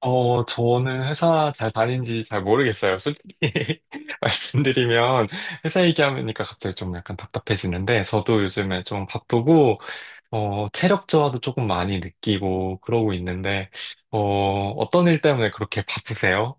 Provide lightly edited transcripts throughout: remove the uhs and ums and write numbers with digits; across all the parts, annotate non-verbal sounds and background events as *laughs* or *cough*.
저는 회사 잘 다닌지 잘 모르겠어요. 솔직히 *laughs* 말씀드리면 회사 얘기하니까 갑자기 좀 약간 답답해지는데 저도 요즘에 좀 바쁘고 체력 저하도 조금 많이 느끼고 그러고 있는데 어떤 일 때문에 그렇게 바쁘세요?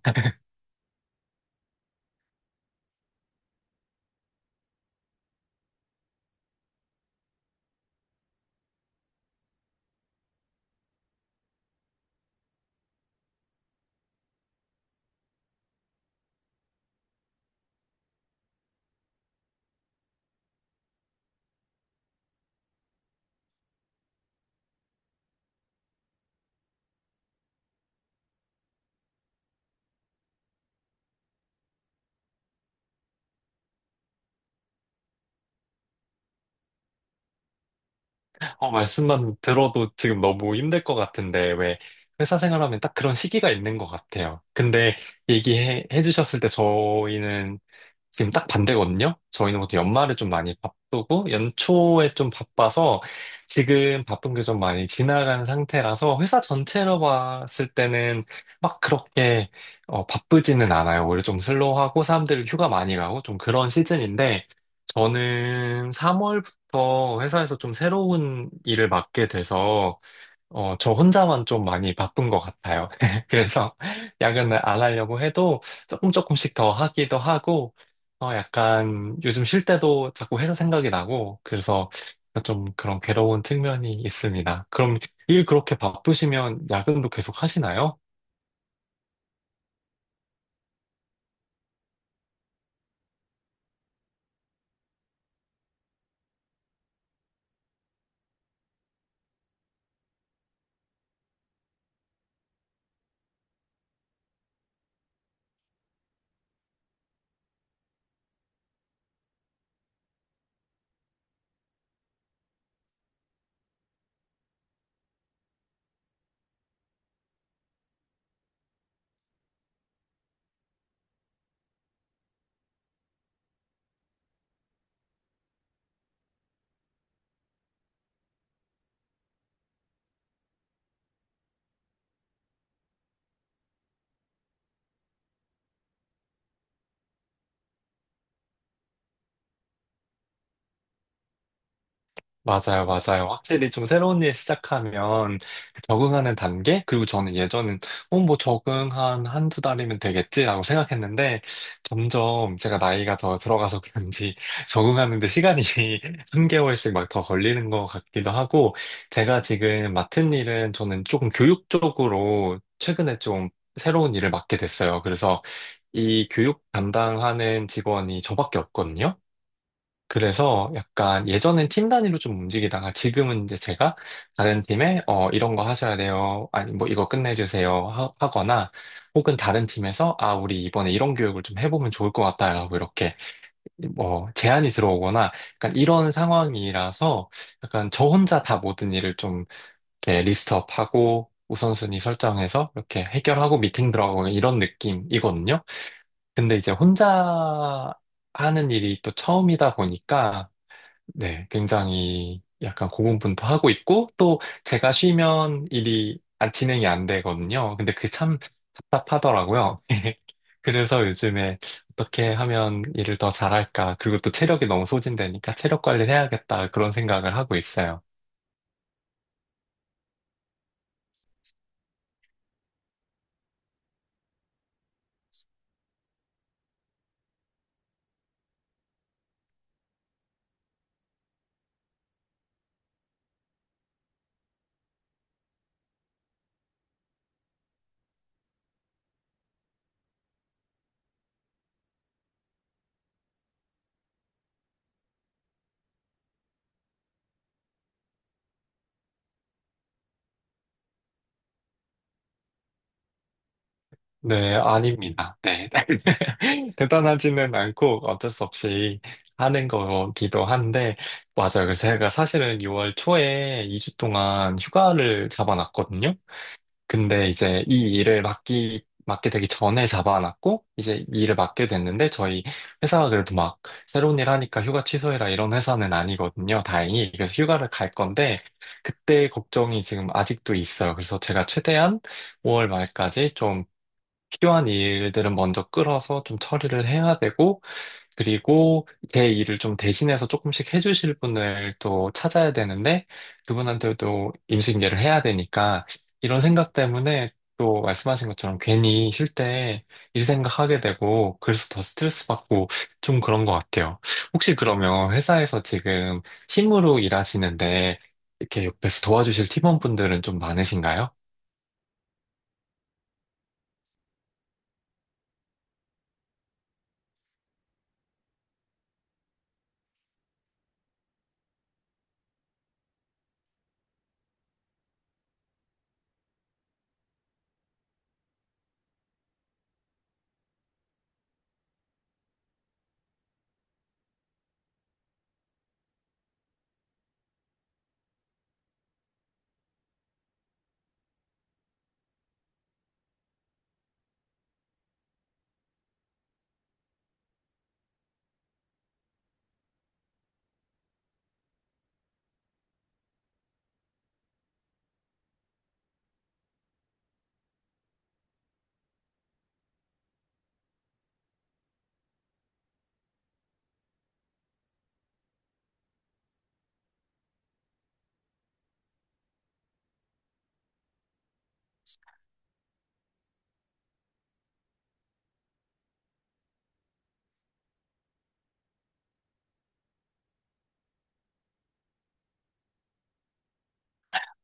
말씀만 들어도 지금 너무 힘들 것 같은데, 왜 회사 생활하면 딱 그런 시기가 있는 것 같아요. 근데 얘기해 주셨을 때 저희는 지금 딱 반대거든요? 저희는 보통 연말에 좀 많이 바쁘고, 연초에 좀 바빠서 지금 바쁜 게 좀 많이 지나간 상태라서 회사 전체로 봤을 때는 막 그렇게 바쁘지는 않아요. 오히려 좀 슬로우하고 사람들 휴가 많이 가고 좀 그런 시즌인데, 저는 더 회사에서 좀 새로운 일을 맡게 돼서, 저 혼자만 좀 많이 바쁜 것 같아요. *laughs* 그래서 야근을 안 하려고 해도 조금씩 더 하기도 하고, 약간 요즘 쉴 때도 자꾸 회사 생각이 나고, 그래서 좀 그런 괴로운 측면이 있습니다. 그럼 일 그렇게 바쁘시면 야근도 계속 하시나요? 맞아요, 맞아요. 확실히 좀 새로운 일 시작하면 그 적응하는 단계? 그리고 저는 예전엔, 적응 한 한 두 달이면 되겠지라고 생각했는데 점점 제가 나이가 더 들어가서 그런지 *laughs* 적응하는 데 시간이 *laughs* 한개월씩 막 더 걸리는 것 같기도 하고 제가 지금 맡은 일은 저는 조금 교육 쪽으로 최근에 좀 새로운 일을 맡게 됐어요. 그래서 이 교육 담당하는 직원이 저밖에 없거든요. 그래서 약간 예전엔 팀 단위로 좀 움직이다가 지금은 이제 제가 다른 팀에 이런 거 하셔야 돼요. 아니 뭐 이거 끝내주세요 하거나 혹은 다른 팀에서 우리 이번에 이런 교육을 좀 해보면 좋을 것 같다라고 이렇게 뭐 제안이 들어오거나 약간 이런 상황이라서 약간 저 혼자 다 모든 일을 좀 이렇게 리스트업하고 우선순위 설정해서 이렇게 해결하고 미팅 들어가고 뭐 이런 느낌이거든요. 근데 이제 혼자 하는 일이 또 처음이다 보니까 네, 굉장히 약간 고군분투하고 있고, 또 제가 쉬면 일이 안- 진행이 안 되거든요. 근데 그게 참 답답하더라고요. *laughs* 그래서 요즘에 어떻게 하면 일을 더 잘할까, 그리고 또 체력이 너무 소진되니까 체력 관리를 해야겠다, 그런 생각을 하고 있어요. 네, 아닙니다. 네. *laughs* 대단하지는 않고 어쩔 수 없이 하는 거기도 한데, 맞아요. 그래서 제가 사실은 6월 초에 2주 동안 휴가를 잡아놨거든요. 근데 이제 이 맡게 되기 전에 잡아놨고, 이제 이 일을 맡게 됐는데, 저희 회사가 그래도 막 새로운 일 하니까 휴가 취소해라 이런 회사는 아니거든요, 다행히. 그래서 휴가를 갈 건데, 그때 걱정이 지금 아직도 있어요. 그래서 제가 최대한 5월 말까지 좀 필요한 일들은 먼저 끌어서 좀 처리를 해야 되고, 그리고 제 일을 좀 대신해서 조금씩 해주실 분을 또 찾아야 되는데, 그분한테도 임신계를 해야 되니까, 이런 생각 때문에 또 말씀하신 것처럼 괜히 쉴 때 일 생각하게 되고 그래서 더 스트레스 받고 좀 그런 것 같아요. 혹시 그러면 회사에서 지금 팀으로 일하시는데 이렇게 옆에서 도와주실 팀원분들은 좀 많으신가요?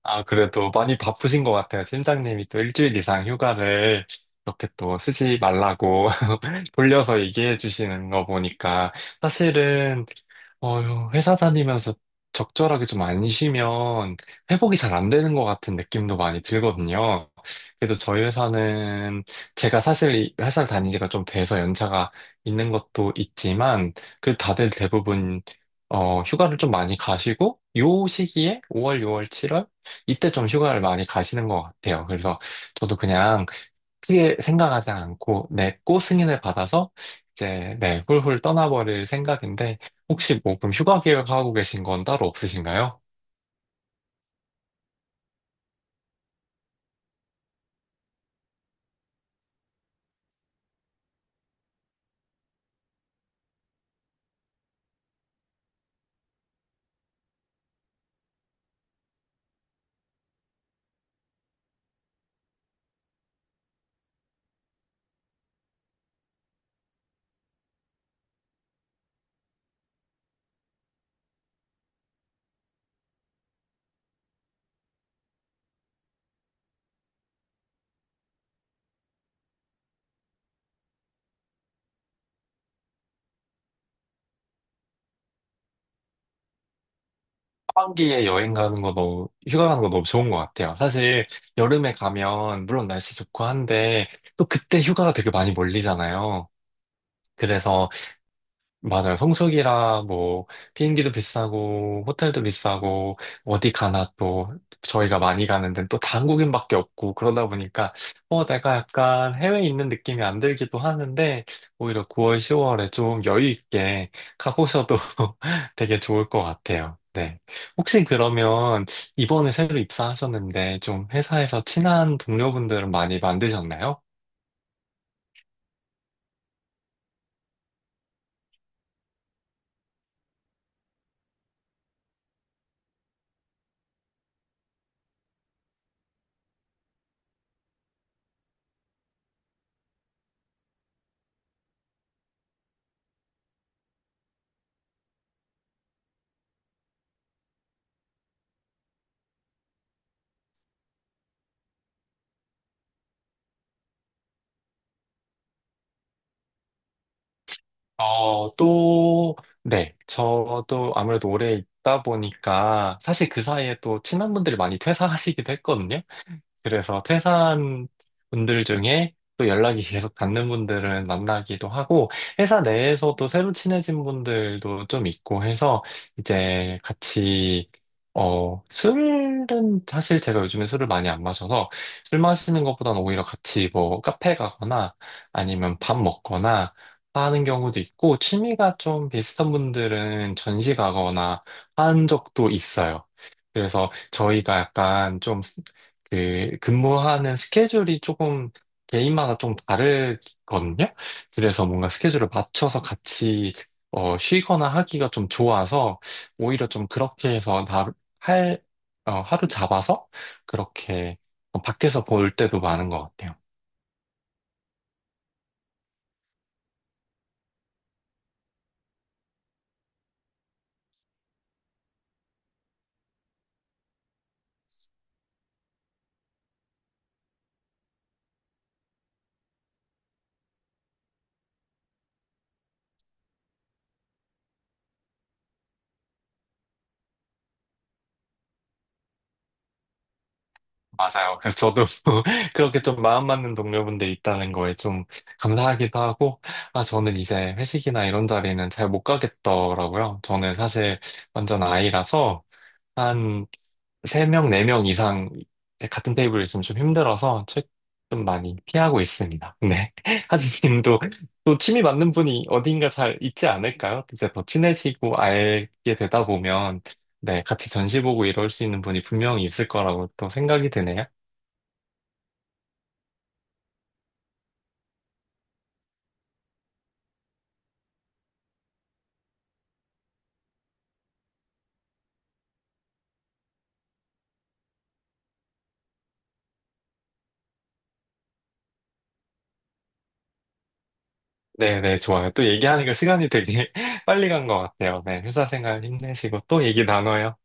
아, 그래도 많이 바쁘신 것 같아요. 팀장님이 또 일주일 이상 휴가를 이렇게 또 쓰지 말라고 돌려서 얘기해 주시는 거 보니까 사실은 어, 회사 다니면서 적절하게 좀 안 쉬면 회복이 잘 안 되는 것 같은 느낌도 많이 들거든요. 그래도 저희 회사는 제가 사실 이 회사를 다닌 지가 좀 돼서 연차가 있는 것도 있지만 그래도 다들 대부분 휴가를 좀 많이 가시고 요 시기에 5월, 6월, 7월 이때 좀 휴가를 많이 가시는 것 같아요. 그래서 저도 그냥 크게 생각하지 않고, 네, 꼭 승인을 받아서 이제, 네, 훌훌 떠나버릴 생각인데, 혹시 뭐 그럼 휴가 계획하고 계신 건 따로 없으신가요? 하반기에 여행 가는 거 너무, 휴가 가는 거 너무 좋은 것 같아요. 사실 여름에 가면, 물론 날씨 좋고 한데, 또 그때 휴가가 되게 많이 몰리잖아요. 그래서 맞아요. 성수기라 뭐 비행기도 비싸고 호텔도 비싸고 어디 가나 또 저희가 많이 가는 데는 또 다 한국인밖에 없고 그러다 보니까 내가 약간 해외에 있는 느낌이 안 들기도 하는데 오히려 9월, 10월에 좀 여유 있게 가보셔도 *laughs* 되게 좋을 것 같아요. 네. 혹시 그러면 이번에 새로 입사하셨는데 좀 회사에서 친한 동료분들은 많이 만드셨나요? 어, 또, 네. 저도 아무래도 오래 있다 보니까 사실 그 사이에 또 친한 분들이 많이 퇴사하시기도 했거든요. 그래서 퇴사한 분들 중에 또 연락이 계속 닿는 분들은 만나기도 하고, 회사 내에서도 새로 친해진 분들도 좀 있고 해서, 이제 같이, 어, 술은, 사실 제가 요즘에 술을 많이 안 마셔서, 술 마시는 것보다는 오히려 같이 뭐 카페 가거나, 아니면 밥 먹거나, 하는 경우도 있고, 취미가 좀 비슷한 분들은 전시 가거나 한 적도 있어요. 그래서 저희가 약간 좀 그 근무하는 스케줄이 조금 개인마다 좀 다르거든요. 그래서 뭔가 스케줄을 맞춰서 같이 쉬거나 하기가 좀 좋아서 오히려 좀 그렇게 해서 할, 하루 잡아서 그렇게 밖에서 볼 때도 많은 것 같아요. 맞아요. 그래서 저도 *laughs* 그렇게 좀 마음 맞는 동료분들 있다는 거에 좀 감사하기도 하고, 아, 저는 이제 회식이나 이런 자리는 잘 못 가겠더라고요. 저는 사실 완전 아이라서 한 3명, 4명 이상 같은 테이블에 있으면 좀 힘들어서 책 좀 많이 피하고 있습니다. 네. *laughs* 하진님도 또 취미 맞는 분이 어딘가 잘 있지 않을까요? 이제 더 친해지고 알게 되다 보면 네, 같이 전시 보고 이럴 수 있는 분이 분명히 있을 거라고 또 생각이 드네요. 네네, 좋아요. 또 얘기하니까 시간이 되게 *laughs* 빨리 간 것 같아요. 네, 회사 생활 힘내시고 또 얘기 나눠요.